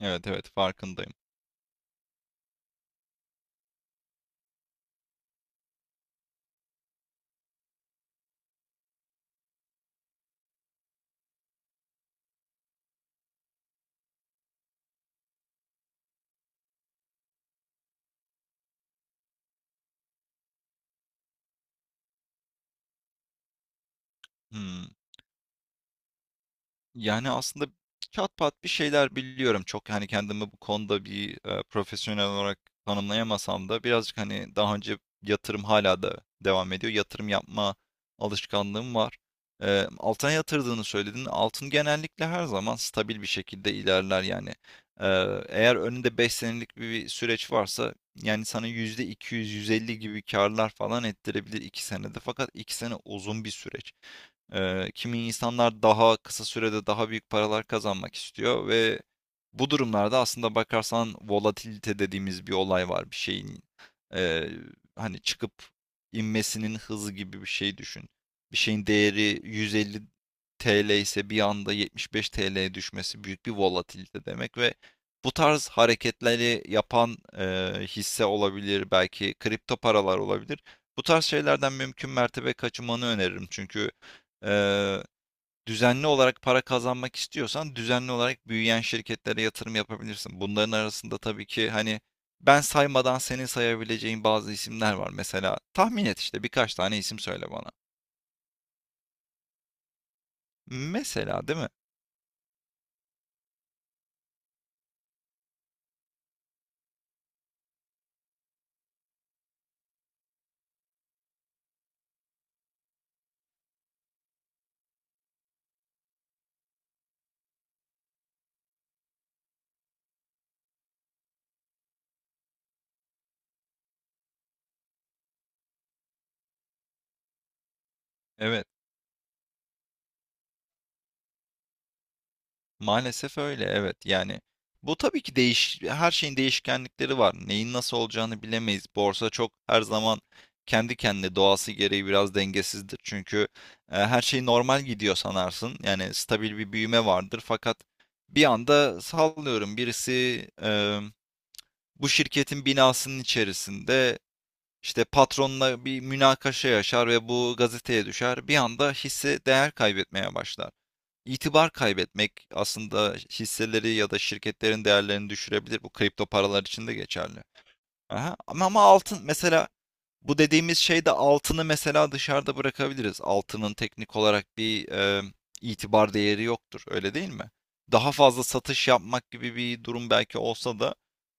Evet, evet farkındayım. Hımm. Yani, aslında çatpat bir şeyler biliyorum. Çok, hani, kendimi bu konuda bir, profesyonel olarak tanımlayamasam da birazcık, hani, daha önce yatırım hala da devam ediyor. Yatırım yapma alışkanlığım var. Altına yatırdığını söyledin. Altın genellikle her zaman stabil bir şekilde ilerler, yani. Eğer önünde 5 senelik bir süreç varsa, yani, sana %200 yüz elli gibi karlar falan ettirebilir 2 senede. Fakat 2 sene uzun bir süreç. Kimi insanlar daha kısa sürede daha büyük paralar kazanmak istiyor ve bu durumlarda aslında bakarsan volatilite dediğimiz bir olay var. Bir şeyin eee, hani çıkıp inmesinin hızı gibi bir şey düşün. Bir şeyin değeri 150 TL ise bir anda 75 TL'ye düşmesi büyük bir volatilite demek ve bu tarz hareketleri yapan hisse olabilir, belki kripto paralar olabilir. Bu tarz şeylerden mümkün mertebe kaçınmanı öneririm, çünkü Eee, düzenli olarak para kazanmak istiyorsan düzenli olarak büyüyen şirketlere yatırım yapabilirsin. Bunların arasında tabii ki, hani, ben saymadan senin sayabileceğin bazı isimler var. Mesela tahmin et, işte birkaç tane isim söyle bana. Mesela, değil mi? Evet. Maalesef öyle, evet. Yani bu tabii ki her şeyin değişkenlikleri var. Neyin nasıl olacağını bilemeyiz. Borsa çok, her zaman kendi kendine, doğası gereği biraz dengesizdir. Çünkü her şey normal gidiyor sanarsın. Yani stabil bir büyüme vardır, fakat bir anda, sallıyorum, birisi e, bu şirketin binasının içerisinde işte patronla bir münakaşa yaşar ve bu gazeteye düşer. Bir anda hisse değer kaybetmeye başlar. İtibar kaybetmek aslında hisseleri ya da şirketlerin değerlerini düşürebilir. Bu kripto paralar için de geçerli. Aha. Ama altın mesela, bu dediğimiz şeyde altını mesela dışarıda bırakabiliriz. Altının teknik olarak bir itibar değeri yoktur. Öyle değil mi? Daha fazla satış yapmak gibi bir durum belki olsa da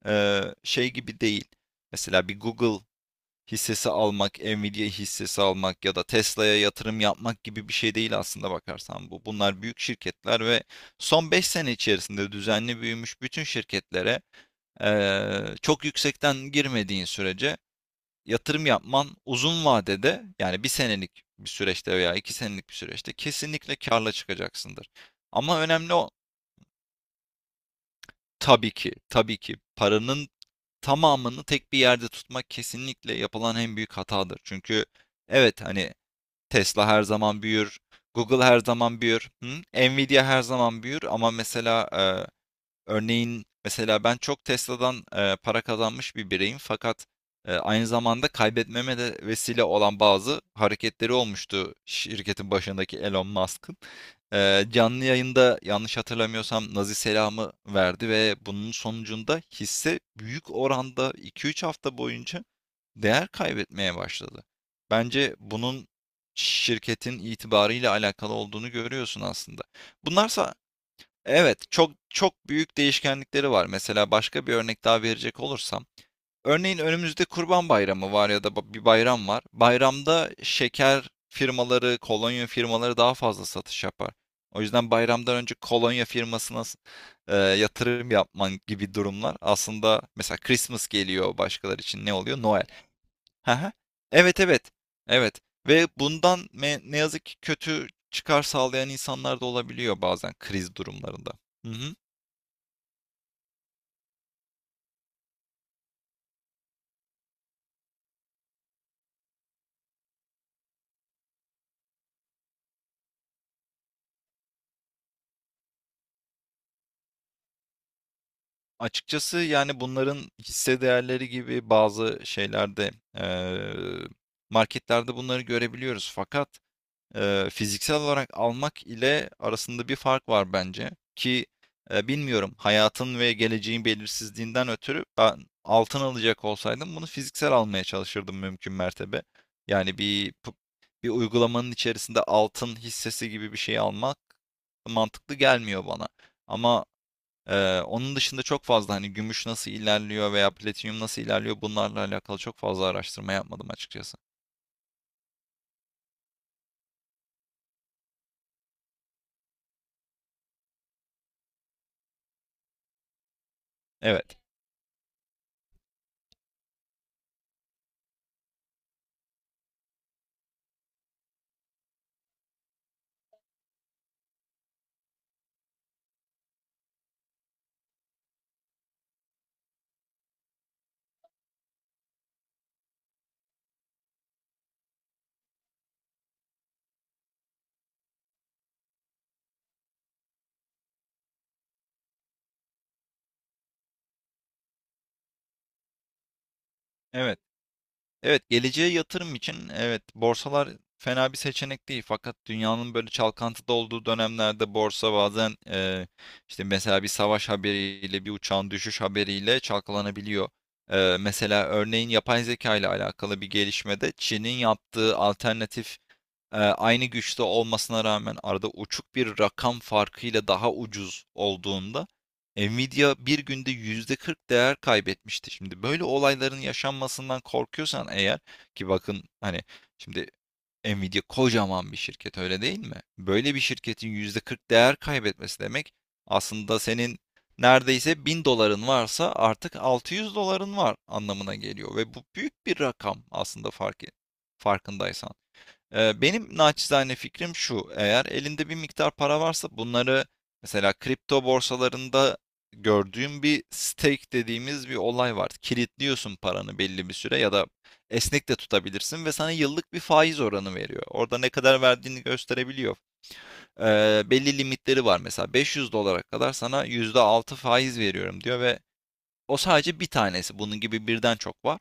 şey gibi değil. Mesela bir Google hissesi almak, Nvidia hissesi almak ya da Tesla'ya yatırım yapmak gibi bir şey değil aslında bakarsan bu. Bunlar büyük şirketler ve son 5 sene içerisinde düzenli büyümüş bütün şirketlere çok yüksekten girmediğin sürece yatırım yapman uzun vadede, yani bir senelik bir süreçte veya 2 senelik bir süreçte, kesinlikle karla çıkacaksındır. Ama önemli o, tabii ki, tabii ki paranın tamamını tek bir yerde tutmak kesinlikle yapılan en büyük hatadır. Çünkü, evet, hani, Tesla her zaman büyür, Google her zaman büyür, hı? Nvidia her zaman büyür ama mesela, örneğin, mesela ben çok Tesla'dan para kazanmış bir bireyim, fakat aynı zamanda kaybetmeme de vesile olan bazı hareketleri olmuştu şirketin başındaki Elon Musk'ın. Canlı yayında, yanlış hatırlamıyorsam, Nazi selamı verdi ve bunun sonucunda hisse büyük oranda 2-3 hafta boyunca değer kaybetmeye başladı. Bence bunun şirketin itibarıyla alakalı olduğunu görüyorsun aslında. Bunlarsa, evet, çok çok büyük değişkenlikleri var. Mesela başka bir örnek daha verecek olursam, örneğin önümüzde Kurban Bayramı var ya da bir bayram var. Bayramda şeker firmaları, kolonya firmaları daha fazla satış yapar. O yüzden bayramdan önce kolonya firmasına yatırım yapman gibi durumlar aslında. Mesela Christmas geliyor, başkaları için ne oluyor? Noel. Hı hı. Evet, evet. Evet, ve bundan, ne yazık ki, kötü çıkar sağlayan insanlar da olabiliyor bazen kriz durumlarında. Hı hı. Açıkçası, yani, bunların hisse değerleri gibi bazı şeylerde, eee, marketlerde bunları görebiliyoruz, fakat fiziksel olarak almak ile arasında bir fark var bence. Ki bilmiyorum, hayatın ve geleceğin belirsizliğinden ötürü ben altın alacak olsaydım bunu fiziksel almaya çalışırdım mümkün mertebe. Yani bir uygulamanın içerisinde altın hissesi gibi bir şey almak mantıklı gelmiyor bana. Ama onun dışında çok fazla, hani, gümüş nasıl ilerliyor veya platinyum nasıl ilerliyor, bunlarla alakalı çok fazla araştırma yapmadım açıkçası. Evet. Evet. Evet, geleceğe yatırım için, evet, borsalar fena bir seçenek değil. Fakat dünyanın böyle çalkantıda olduğu dönemlerde borsa bazen işte, mesela bir savaş haberiyle, bir uçağın düşüş haberiyle çalkalanabiliyor. Mesela, örneğin, yapay zeka ile alakalı bir gelişmede Çin'in yaptığı alternatif, aynı güçte olmasına rağmen arada uçuk bir rakam farkıyla daha ucuz olduğunda, Nvidia bir günde %40 değer kaybetmişti. Şimdi böyle olayların yaşanmasından korkuyorsan eğer, ki bakın, hani, şimdi Nvidia kocaman bir şirket, öyle değil mi? Böyle bir şirketin %40 değer kaybetmesi demek aslında senin neredeyse 1.000 doların varsa artık 600 doların var anlamına geliyor ve bu büyük bir rakam aslında, farkındaysan. Benim naçizane fikrim şu: eğer elinde bir miktar para varsa, bunları mesela kripto borsalarında gördüğüm bir stake dediğimiz bir olay var. Kilitliyorsun paranı belli bir süre, ya da esnek de tutabilirsin, ve sana yıllık bir faiz oranı veriyor. Orada ne kadar verdiğini gösterebiliyor. Belli limitleri var, mesela 500 dolara kadar sana %6 faiz veriyorum diyor ve o sadece bir tanesi. Bunun gibi birden çok var.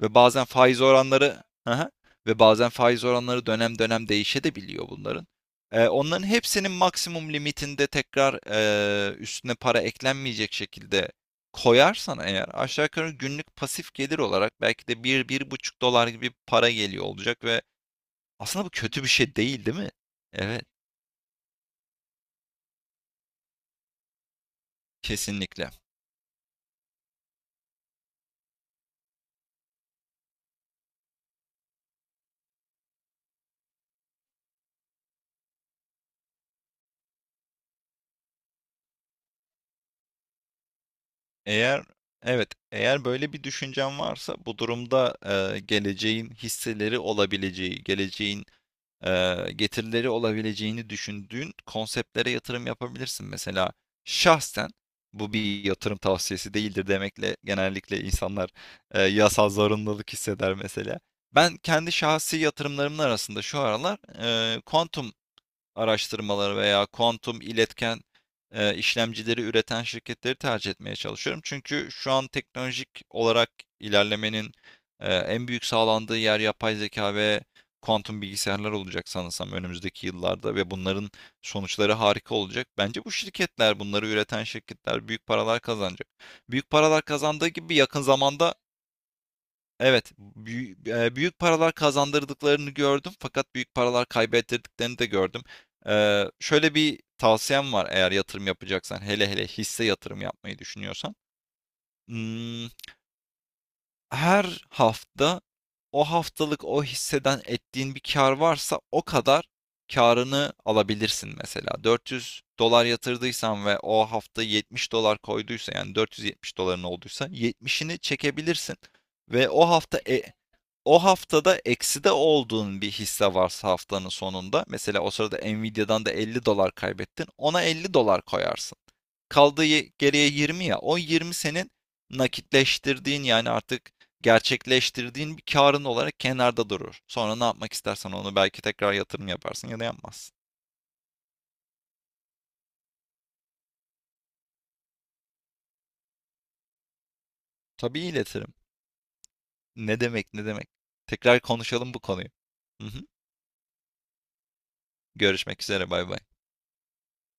Ve bazen faiz oranları Hı. Ve bazen faiz oranları dönem dönem değişebiliyor bunların. Onların hepsinin maksimum limitinde, tekrar üstüne para eklenmeyecek şekilde koyarsan eğer, aşağı yukarı günlük pasif gelir olarak belki de bir bir buçuk dolar gibi para geliyor olacak ve aslında bu kötü bir şey değil, değil mi? Evet, kesinlikle. Eğer evet, eğer böyle bir düşüncen varsa, bu durumda geleceğin hisseleri olabileceği, geleceğin getirileri olabileceğini düşündüğün konseptlere yatırım yapabilirsin. Mesela şahsen, bu bir yatırım tavsiyesi değildir demekle genellikle insanlar yasal zorunluluk hisseder mesela. Ben kendi şahsi yatırımlarımın arasında şu aralar kuantum araştırmaları veya kuantum iletken işlemcileri üreten şirketleri tercih etmeye çalışıyorum. Çünkü şu an teknolojik olarak ilerlemenin en büyük sağlandığı yer yapay zeka ve kuantum bilgisayarlar olacak sanırsam önümüzdeki yıllarda, ve bunların sonuçları harika olacak. Bence bu şirketler, bunları üreten şirketler büyük paralar kazanacak. Büyük paralar kazandığı gibi yakın zamanda. Evet, büyük paralar kazandırdıklarını gördüm, fakat büyük paralar kaybettirdiklerini de gördüm. Şöyle bir tavsiyem var, eğer yatırım yapacaksan, hele hele hisse yatırım yapmayı düşünüyorsan. Hmm, Her hafta, o haftalık o hisseden ettiğin bir kar varsa, o kadar karını alabilirsin mesela. 400 dolar yatırdıysan ve o hafta 70 dolar koyduysa, yani 470 doların olduysa, 70'ini çekebilirsin ve o hafta, o haftada ekside olduğun bir hisse varsa, haftanın sonunda mesela, o sırada Nvidia'dan da 50 dolar kaybettin, ona 50 dolar koyarsın. Kaldığı geriye 20, ya, o 20 senin nakitleştirdiğin, yani artık gerçekleştirdiğin bir karın olarak kenarda durur. Sonra ne yapmak istersen onu belki tekrar yatırım yaparsın ya da yapmazsın. Tabii iletirim. Ne demek, ne demek. Tekrar konuşalım bu konuyu. Hı hı. Görüşmek üzere, bay bay.